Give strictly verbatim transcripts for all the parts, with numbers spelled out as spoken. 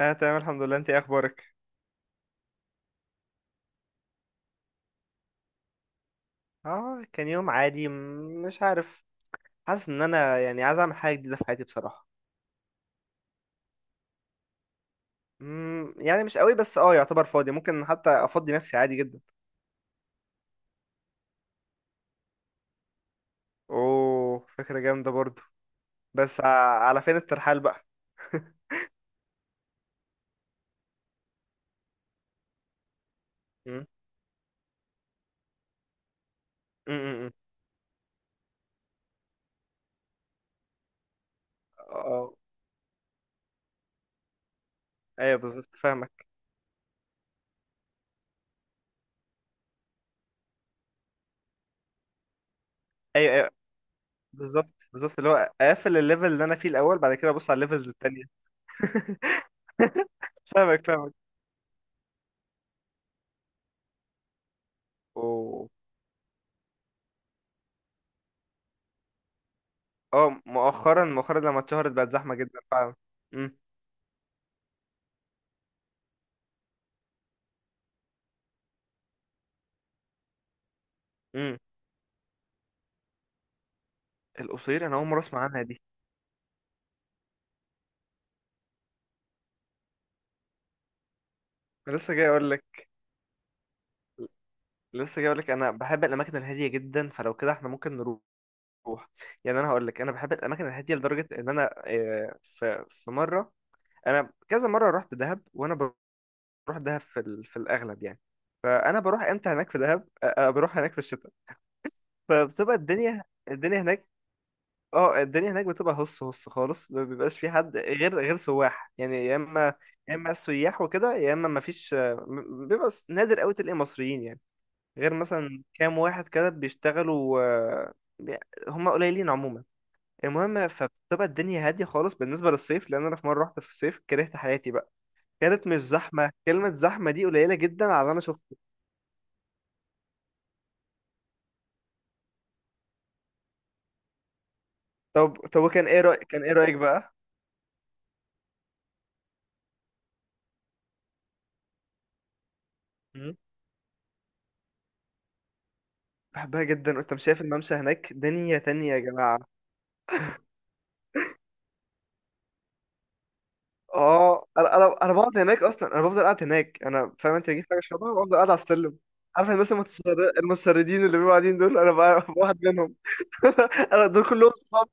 انا تمام الحمد لله. انت ايه اخبارك؟ اه، كان يوم عادي. م- مش عارف، حاسس ان انا يعني عايز اعمل حاجه جديده في حياتي بصراحه. مم، يعني مش قوي، بس اه يعتبر فاضي، ممكن حتى افضي نفسي عادي جدا. اوه، فكره جامده برضو. بس ع- على فين الترحال بقى؟ مم، مم، مم، مم. اه. ايوه بالظبط فاهمك. ايوه، ايوه، بالظبط بالظبط، اللي هو اقفل الليفل اللي انا فيه الاول، بعد كده ابص على الليفلز التانية. فاهمك فاهمك اوه. اه، مؤخرا مؤخرا لما اتشهرت بقت زحمه جدا فعلا. مم. القصير انا اول مره اسمع عنها دي. انا لسه جاي اقول لك، لسه جاي اقول لك انا بحب الاماكن الهاديه جدا، فلو كده احنا ممكن نروح. يعني انا هقول لك، انا بحب الاماكن الهاديه لدرجه ان انا آه، في في مره، انا كذا مره رحت دهب، وانا بروح دهب في ال... في الاغلب يعني، فانا بروح امتى هناك في دهب، آه، آه، بروح هناك في الشتاء. فبتبقى الدنيا الدنيا هناك اه الدنيا هناك بتبقى هص هص خالص، ما بيبقاش في حد غير غير سواح يعني، يا اما يا اما السياح وكده، يا اما ما فيش، م- بيبقى س- نادر قوي تلاقي مصريين يعني، غير مثلا كام واحد كده بيشتغلوا، آه، بي- هم قليلين عموما. المهم، فبتبقى الدنيا هادية خالص بالنسبة للصيف، لأن أنا في مرة رحت في الصيف كرهت حياتي بقى. كانت مش زحمة، كلمة زحمة دي قليلة جدا على اللي أنا شفته. طب طب وكان إيه رأيك، كان إيه رأيك بقى؟ مم. بحبها جدا. وأنت مش شايف الممشى هناك؟ دنيا تانية يا جماعة. اه، انا انا انا بقعد هناك اصلا، انا بفضل قاعد هناك. انا فاهم انت بتجيب حاجه شبه، بفضل قاعد على السلم. عارف الناس المتسر- المتسردين اللي بيبقوا قاعدين دول، انا بقى واحد منهم. انا دول كلهم صحاب.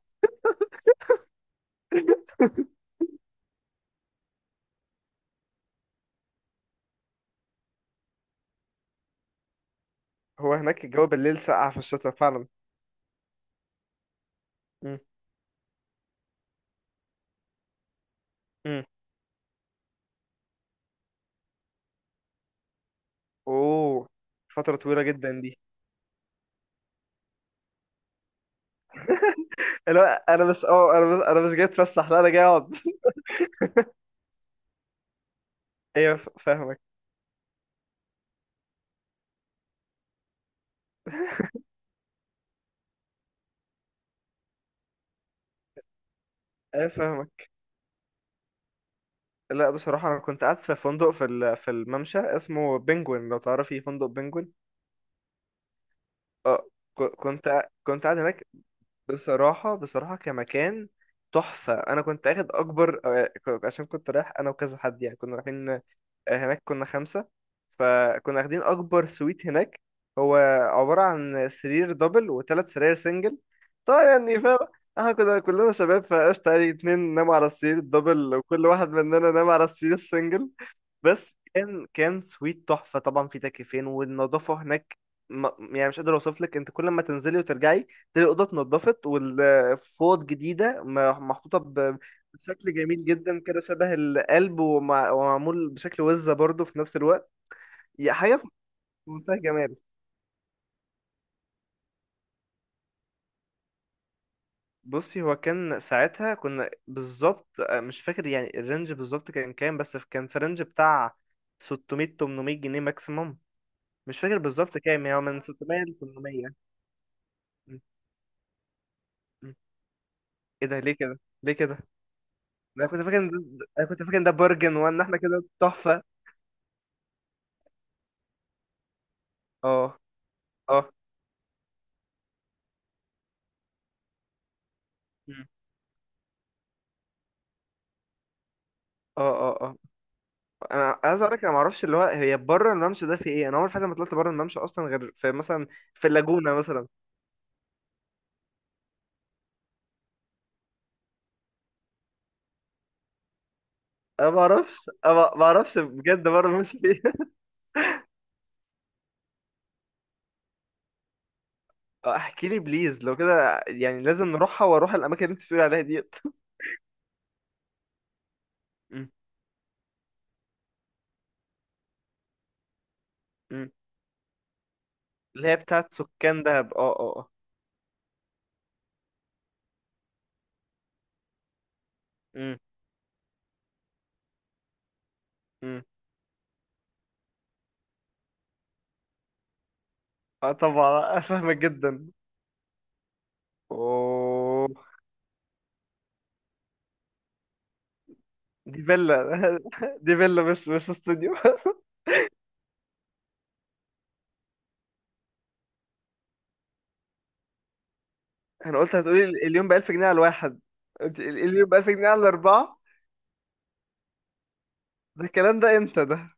هو هناك الجو بالليل ساقع في الشتاء فعلا. مم. مم. اوه، فتره طويله جدا دي. لا انا بس اه انا بس انا مش جاي اتفسح، لا انا جاي اقعد. ايوه، ف- فاهمك. ايوه فاهمك. لا بصراحه انا كنت قاعد في فندق في ال- في الممشى اسمه بنجوين، لو تعرفي فندق بنجوين. اه، ك- كنت قاعد- كنت قاعد هناك. بصراحة بصراحة كمكان تحفة. أنا كنت أخد أكبر آه، ك- عشان كنت رايح أنا وكذا حد يعني، كنا رايحين آه، هناك، كنا خمسة، فكنا واخدين أكبر سويت هناك. هو عبارة عن سرير دبل وثلاث سراير سنجل. طبعا يعني فاهم، احنا كنا كلنا شباب فقشطة يعني. اتنين ناموا على السرير الدبل، وكل واحد مننا نام على السرير السنجل. بس كان كان سويت تحفة، طبعا في تكييفين، والنظافة هناك م- يعني مش قادر اوصف لك. انت كل ما تنزلي وترجعي تلاقي الأوضة اتنضفت، والفوط جديدة، م- محطوطة ب- بشكل جميل جدا كده شبه القلب، ومع- ومعمول بشكل وزة برضه في نفس الوقت. هي حاجة في منتهى الجمال. بصي، هو كان ساعتها كنا بالظبط آه، مش فاكر يعني الرينج بالظبط كان كام، بس كان في رينج بتاع ستمية تمنمية جنيه ماكسيموم. مش فاكر بالظبط كام، يعني هو من ستمية ل تمنمائة. مم. ايه ده، ليه كده؟ ليه كده؟ انا كنت فاكر ان ده... انا كنت فاكر ان ده برجن، وان احنا كده تحفه. اه. اه. مم. اه اه اه. انا عايز اقول لك، انا ما اعرفش اللي هو هي بره الممشى ده في ايه، انا عمري فعلا ما طلعت بره الممشى اصلا، غير في مثلا في اللاجونه مثلا. انا ما اعرفش، انا ما ما اعرفش بجد بره الممشى في ايه. آه، احكي لي بليز، لو كده يعني لازم نروحها واروح الاماكن اللي انت بتقول عليها ديت. مم. مم. اللي هي بتاعت سكان دهب، اه اه اه. مم. مم. اه طبعا. افهمك جدا. اوه. دي فيلا. دي فيلا، بس بس استوديو. انا قلت هتقولي اليوم ب ألف جنيه على الواحد. قلت ال- اليوم ب ألف جنيه على الاربعه. ده الكلام ده امتى ده؟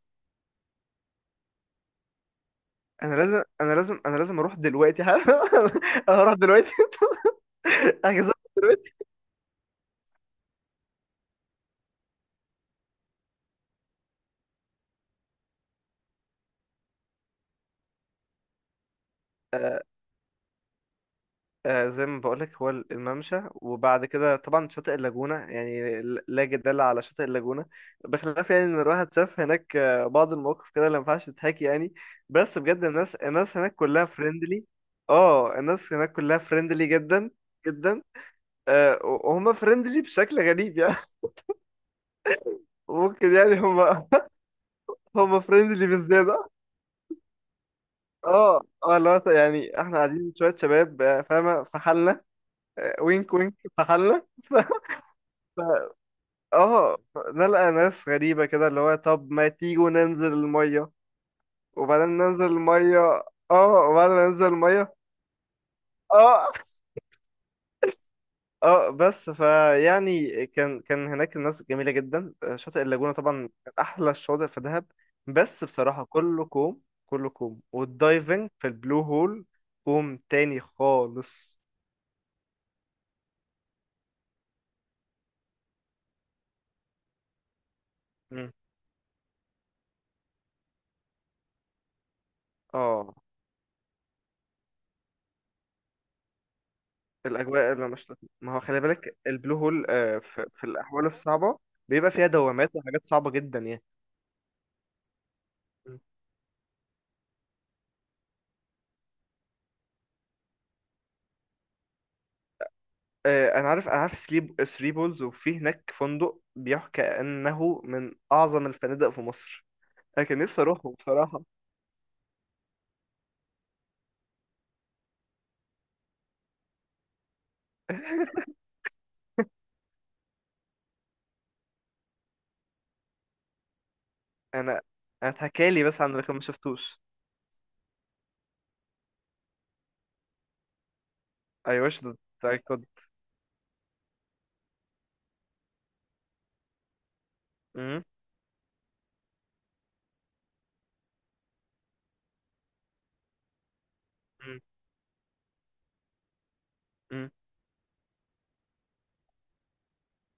انا لازم انا لازم انا لازم اروح دلوقتي حالا. انا هروح دلوقتي. احجز. آه، زي ما بقولك، هو الممشى، وبعد كده طبعا شاطئ اللاجونة يعني، لا جدال على شاطئ اللاجونة. بخلاف يعني ان الواحد شاف هناك آه، بعض المواقف كده اللي ما ينفعش تتحكي يعني. بس بجد الناس، الناس هناك كلها فريندلي. اه، الناس هناك كلها فريندلي جدا جدا. آه، وهم فريندلي بشكل غريب يعني. ممكن يعني هم هم فريندلي بالزيادة. اه اه، اللي هو يعني احنا قاعدين شوية شباب، آه، فاهمة، في حالنا، آه، وينك وينك في حالنا. اه، نلقى ناس غريبة كده اللي هو، طب ما تيجوا ننزل المية، وبعدين ننزل المية. اه، وبعدين ننزل المية. اه اه. بس فيعني كان كان هناك الناس جميلة جدا. شاطئ اللاجونة طبعا كان أحلى الشواطئ في دهب، بس بصراحة كله كوم، كله كوم والدايفنج في البلو هول كوم تاني خالص. مم. اه الأجواء اللي مش لطيفة. ما هو خلي بالك البلو هول آه، في, في الأحوال الصعبة بيبقى فيها دوامات وحاجات صعبة جدا يعني. آه، انا عارف انا عارف. سليب ثري بولز، وفي هناك فندق بيحكى انه من اعظم الفنادق في مصر، انا كان نفسي اروحه بصراحه. انا انا اتحكى لي بس عن لكن ما شفتوش. اي وش ذات، اي كود.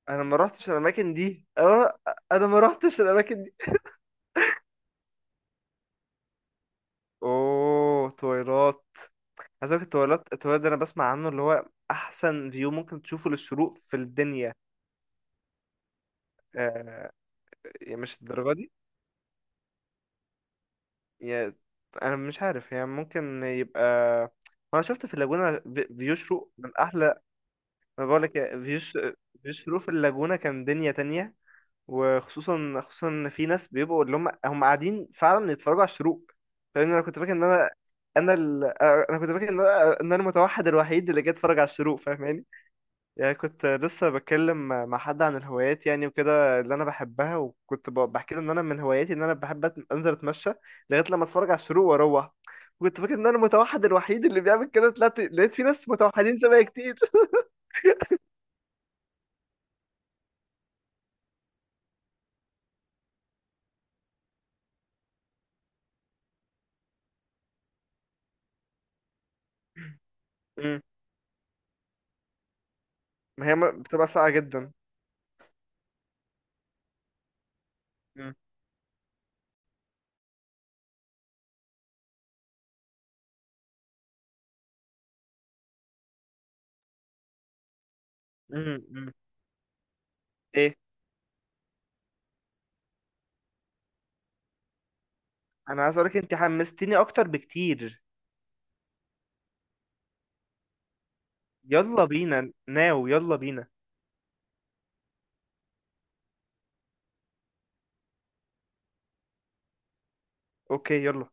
انا ما رحتش الاماكن دي. انا انا ما رحتش الاماكن دي اوه تويلات. عايز اقول التويلات، التويلات ده انا بسمع عنه اللي هو احسن فيو ممكن تشوفه للشروق في الدنيا. آه، يعني مش الدرجه دي؟ يا انا مش عارف يعني، ممكن يبقى، انا شفت في اللاجونة في- بيشرق من احلى. انا بقول لك فيوش، بيشرق في اللاجونة كان دنيا تانية. وخصوصا خصوصا ان في ناس بيبقوا اللي هم هم قاعدين فعلا يتفرجوا على الشروق. لان انا كنت فاكر ان انا، انا ال... انا كنت فاكر ان انا ان انا المتوحد الوحيد اللي جاي اتفرج على الشروق، فاهماني يعني. كنت لسه بتكلم مع حد عن الهوايات يعني وكده اللي انا بحبها، وكنت ب- بحكي له ان انا من هواياتي ان انا بحب أت- انزل اتمشى لغايه لما اتفرج على الشروق واروح. وكنت فاكر ان انا المتوحد الوحيد اللي بيعمل كده، طلعت لقيت في ناس متوحدين شبهي كتير. امم. ما هي م- بتبقى ساقعه جدا. امم. امم. أمم. ايه. انا عايز اقولك انت حمستيني اكتر بكتير. يلا بينا ناو، يلا بينا. اوكي يلا